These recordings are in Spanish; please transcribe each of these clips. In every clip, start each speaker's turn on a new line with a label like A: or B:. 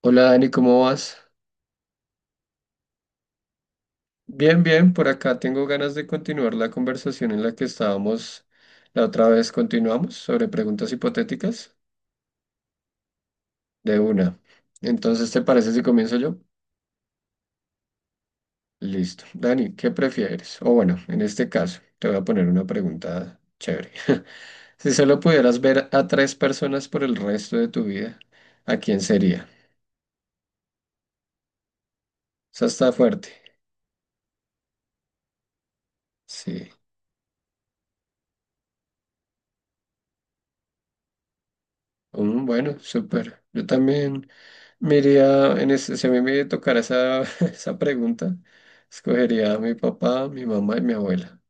A: Hola Dani, ¿cómo vas? Bien, bien, por acá tengo ganas de continuar la conversación en la que estábamos la otra vez. Continuamos sobre preguntas hipotéticas de una. Entonces, ¿te parece si comienzo yo? Listo. Dani, ¿qué prefieres? O bueno, en este caso, te voy a poner una pregunta chévere. Si solo pudieras ver a tres personas por el resto de tu vida, ¿a quién sería? Esa está fuerte. Sí. Mm, bueno, súper. Yo también. Miría, en ese, si a mí me tocara esa, esa pregunta, escogería a mi papá, mi mamá y mi abuela.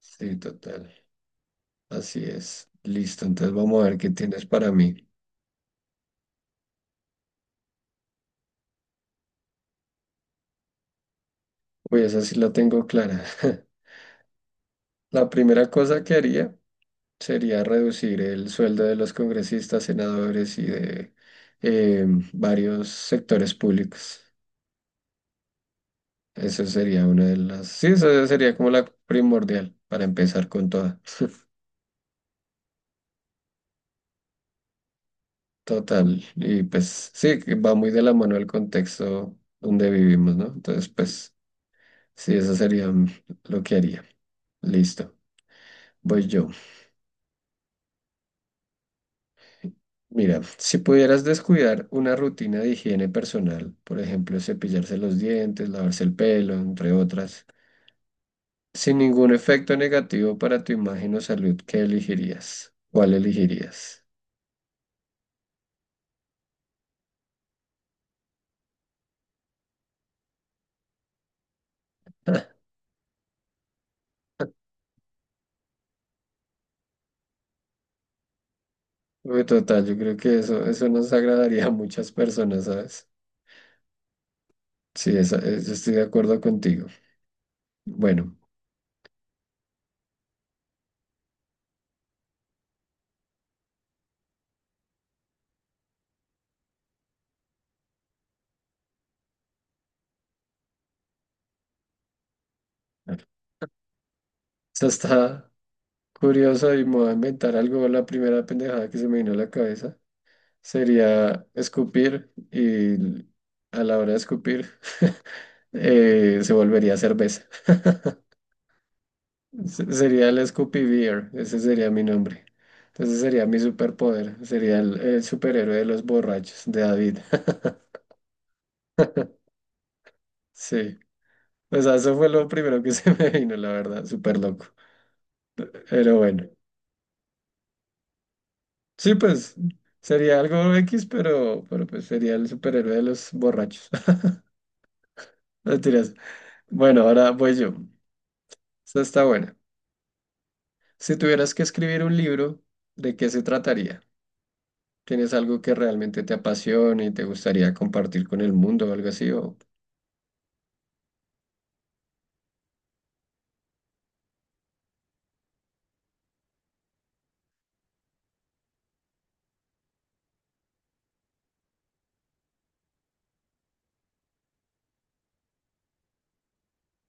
A: Sí, total. Así es. Listo, entonces vamos a ver qué tienes para mí. Uy, esa sí la tengo clara. La primera cosa que haría sería reducir el sueldo de los congresistas, senadores y de eh, varios sectores públicos. Eso sería una de las... Sí, esa sería como la primordial para empezar con toda. Total, y pues sí, que va muy de la mano el contexto donde vivimos, ¿no? Entonces, pues sí, eso sería lo que haría. Listo, voy yo. Mira, si pudieras descuidar una rutina de higiene personal, por ejemplo, cepillarse los dientes, lavarse el pelo, entre otras, sin ningún efecto negativo para tu imagen o salud, ¿qué elegirías? ¿Cuál elegirías? Uy, total, yo creo que eso nos agradaría a muchas personas, ¿sabes? Sí, yo estoy de acuerdo contigo. Bueno, eso está curioso y me voy a inventar algo. La primera pendejada que se me vino a la cabeza sería escupir y a la hora de escupir se volvería cerveza. Sería el Scoopy Beer, ese sería mi nombre. Entonces sería mi superpoder, sería el superhéroe de los borrachos, de David. Sí, o sea, eso fue lo primero que se me vino, la verdad, súper loco. Pero bueno. Sí, pues sería algo X, pero pues sería el superhéroe de los borrachos. Mentiras. Bueno, ahora voy yo. Esta está buena. Si tuvieras que escribir un libro, ¿de qué se trataría? ¿Tienes algo que realmente te apasione y te gustaría compartir con el mundo o algo así? O...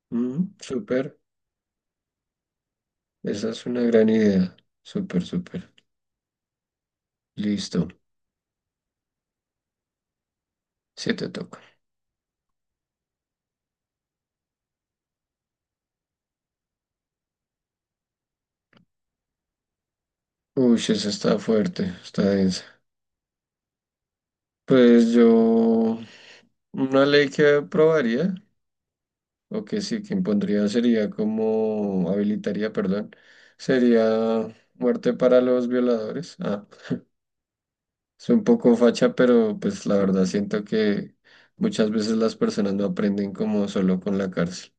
A: Mm, súper. Esa es una gran idea. Súper, súper. Listo. Sí te toca. Uy, esa está fuerte, está densa. Pues yo, una ley que aprobaría. O que sí, que impondría sería como habilitaría, perdón, sería muerte para los violadores. Ah, es un poco facha, pero pues la verdad siento que muchas veces las personas no aprenden como solo con la cárcel.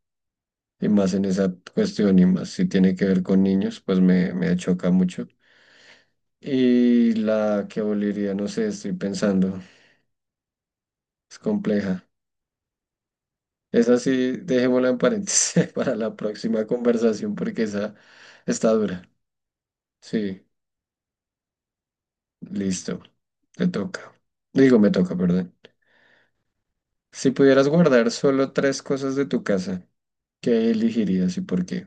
A: Y más en esa cuestión, y más si tiene que ver con niños, pues me choca mucho. Y la que aboliría, no sé, estoy pensando, es compleja. Esa sí, dejémosla en paréntesis para la próxima conversación porque esa está dura. Sí. Listo, te toca. Digo, me toca, perdón. Si pudieras guardar solo tres cosas de tu casa, ¿qué elegirías y por qué?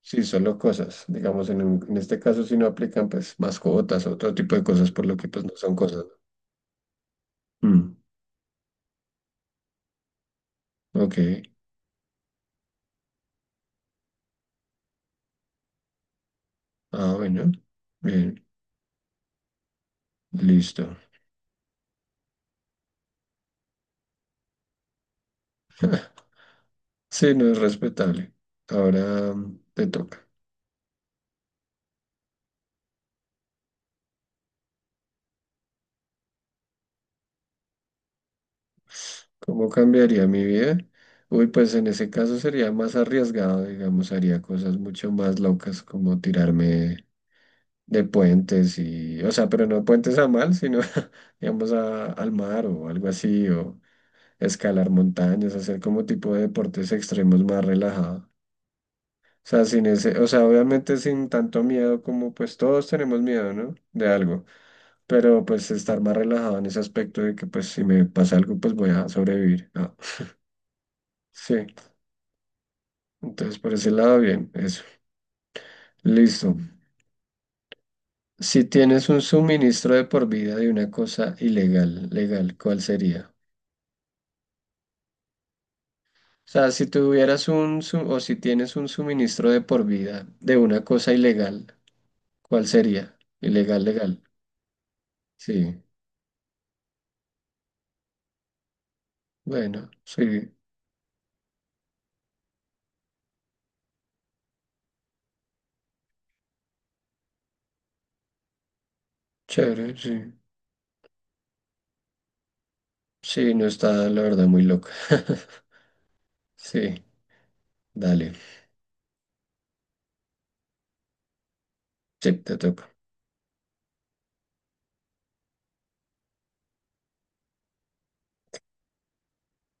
A: Sí, solo cosas. Digamos, en, un- en este caso, si no aplican, pues mascotas o otro tipo de cosas, por lo que pues no son cosas. ¿No? Mm, ok. Ah, bueno. Bien, listo. Sí, no es respetable. Ahora te toca. ¿Cómo cambiaría mi vida? Uy, pues en ese caso sería más arriesgado, digamos, haría cosas mucho más locas como tirarme de puentes y, o sea, pero no puentes a mal, sino, digamos, al mar o algo así, o escalar montañas, hacer como tipo de deportes extremos más relajado. O sea, sin ese, o sea, obviamente sin tanto miedo como pues todos tenemos miedo, ¿no? De algo, pero pues estar más relajado en ese aspecto de que pues si me pasa algo pues voy a sobrevivir. Ah, sí, entonces por ese lado bien, eso. Listo. Si tienes un suministro de por vida de una cosa ilegal, legal, ¿cuál sería? O sea, si tuvieras o si tienes un suministro de por vida de una cosa ilegal, ¿cuál sería? Ilegal, legal. Sí, bueno, sí, chévere, sí. Sí, no está, la verdad, muy loca. Sí, dale, sí, te toca.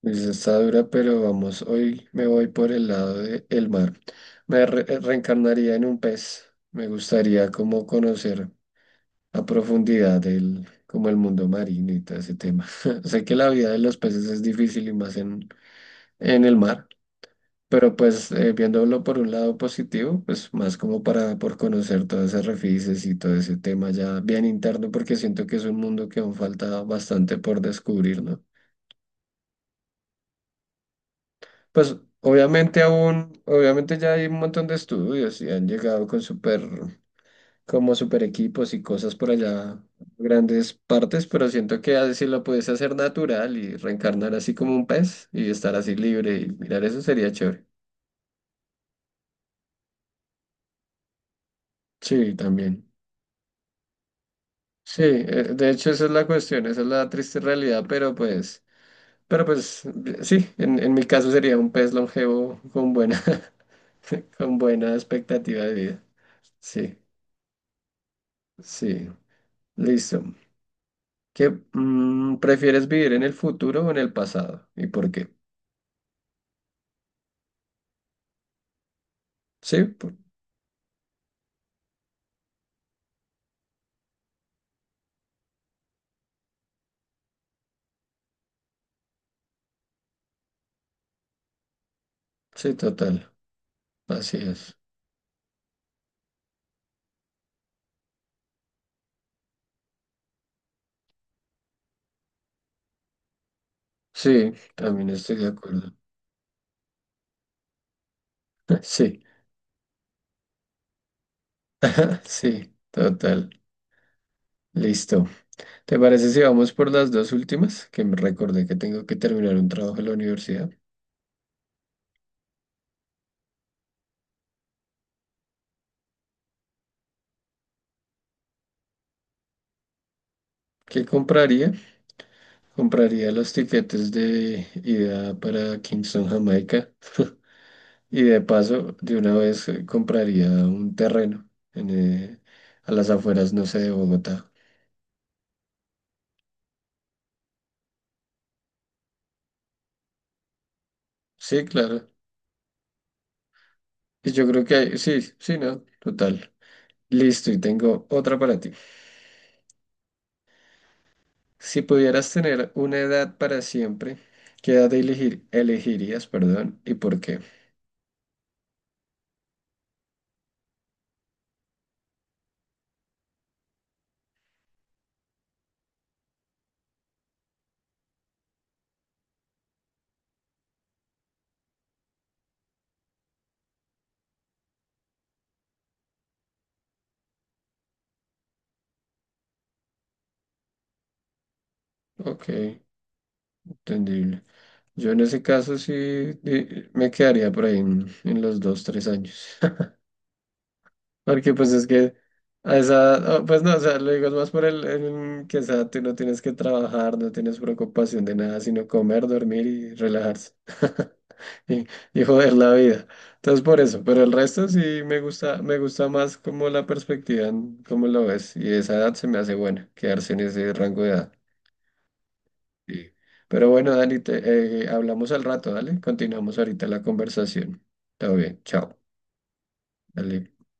A: Pues está dura, pero vamos, hoy me voy por el lado del mar. Me reencarnaría en un pez. Me gustaría como conocer a profundidad el, como el mundo marino y todo ese tema. Sé que la vida de los peces es difícil y más en el mar, pero pues viéndolo por un lado positivo, pues más como para por conocer todos esos refices y todo ese tema ya bien interno, porque siento que es un mundo que aún falta bastante por descubrir, ¿no? Pues obviamente aún, obviamente ya hay un montón de estudios y han llegado con súper como super equipos y cosas por allá, grandes partes, pero siento que así lo puedes hacer natural y reencarnar así como un pez y estar así libre y mirar eso sería chévere. Sí, también. Sí, de hecho esa es la cuestión, esa es la triste realidad, pero pues sí, en mi caso sería un pez longevo con buena, con buena expectativa de vida. Sí, sí, listo. ¿Qué prefieres vivir en el futuro o en el pasado? ¿Y por qué? Sí, sí, total, así es. Sí, también estoy de acuerdo. Sí, sí, total. Listo. ¿Te parece si vamos por las dos últimas? Que me recordé que tengo que terminar un trabajo en la universidad. ¿Qué compraría? Compraría los tiquetes de ida para Kingston, Jamaica. Y de paso, de una vez compraría un terreno en, a las afueras, no sé, de Bogotá. Sí, claro. Y yo creo que hay, sí, sí, no, total. Listo, y tengo otra para ti. Si pudieras tener una edad para siempre, ¿qué edad elegirías, perdón, y por qué? Ok, entendible. Yo en ese caso sí me quedaría por ahí en los 2, 3 años. Porque pues es que a esa edad, oh, pues no, o sea, lo digo es más por el que esa edad tú no tienes que trabajar, no tienes preocupación de nada, sino comer, dormir y relajarse. Y, y joder la vida. Entonces por eso, pero el resto sí me gusta más como la perspectiva, en cómo lo ves, y esa edad se me hace buena, quedarse en ese rango de edad. Sí. Pero bueno, Dani, te, hablamos al rato, dale, continuamos ahorita la conversación. Todo bien, chao, dale.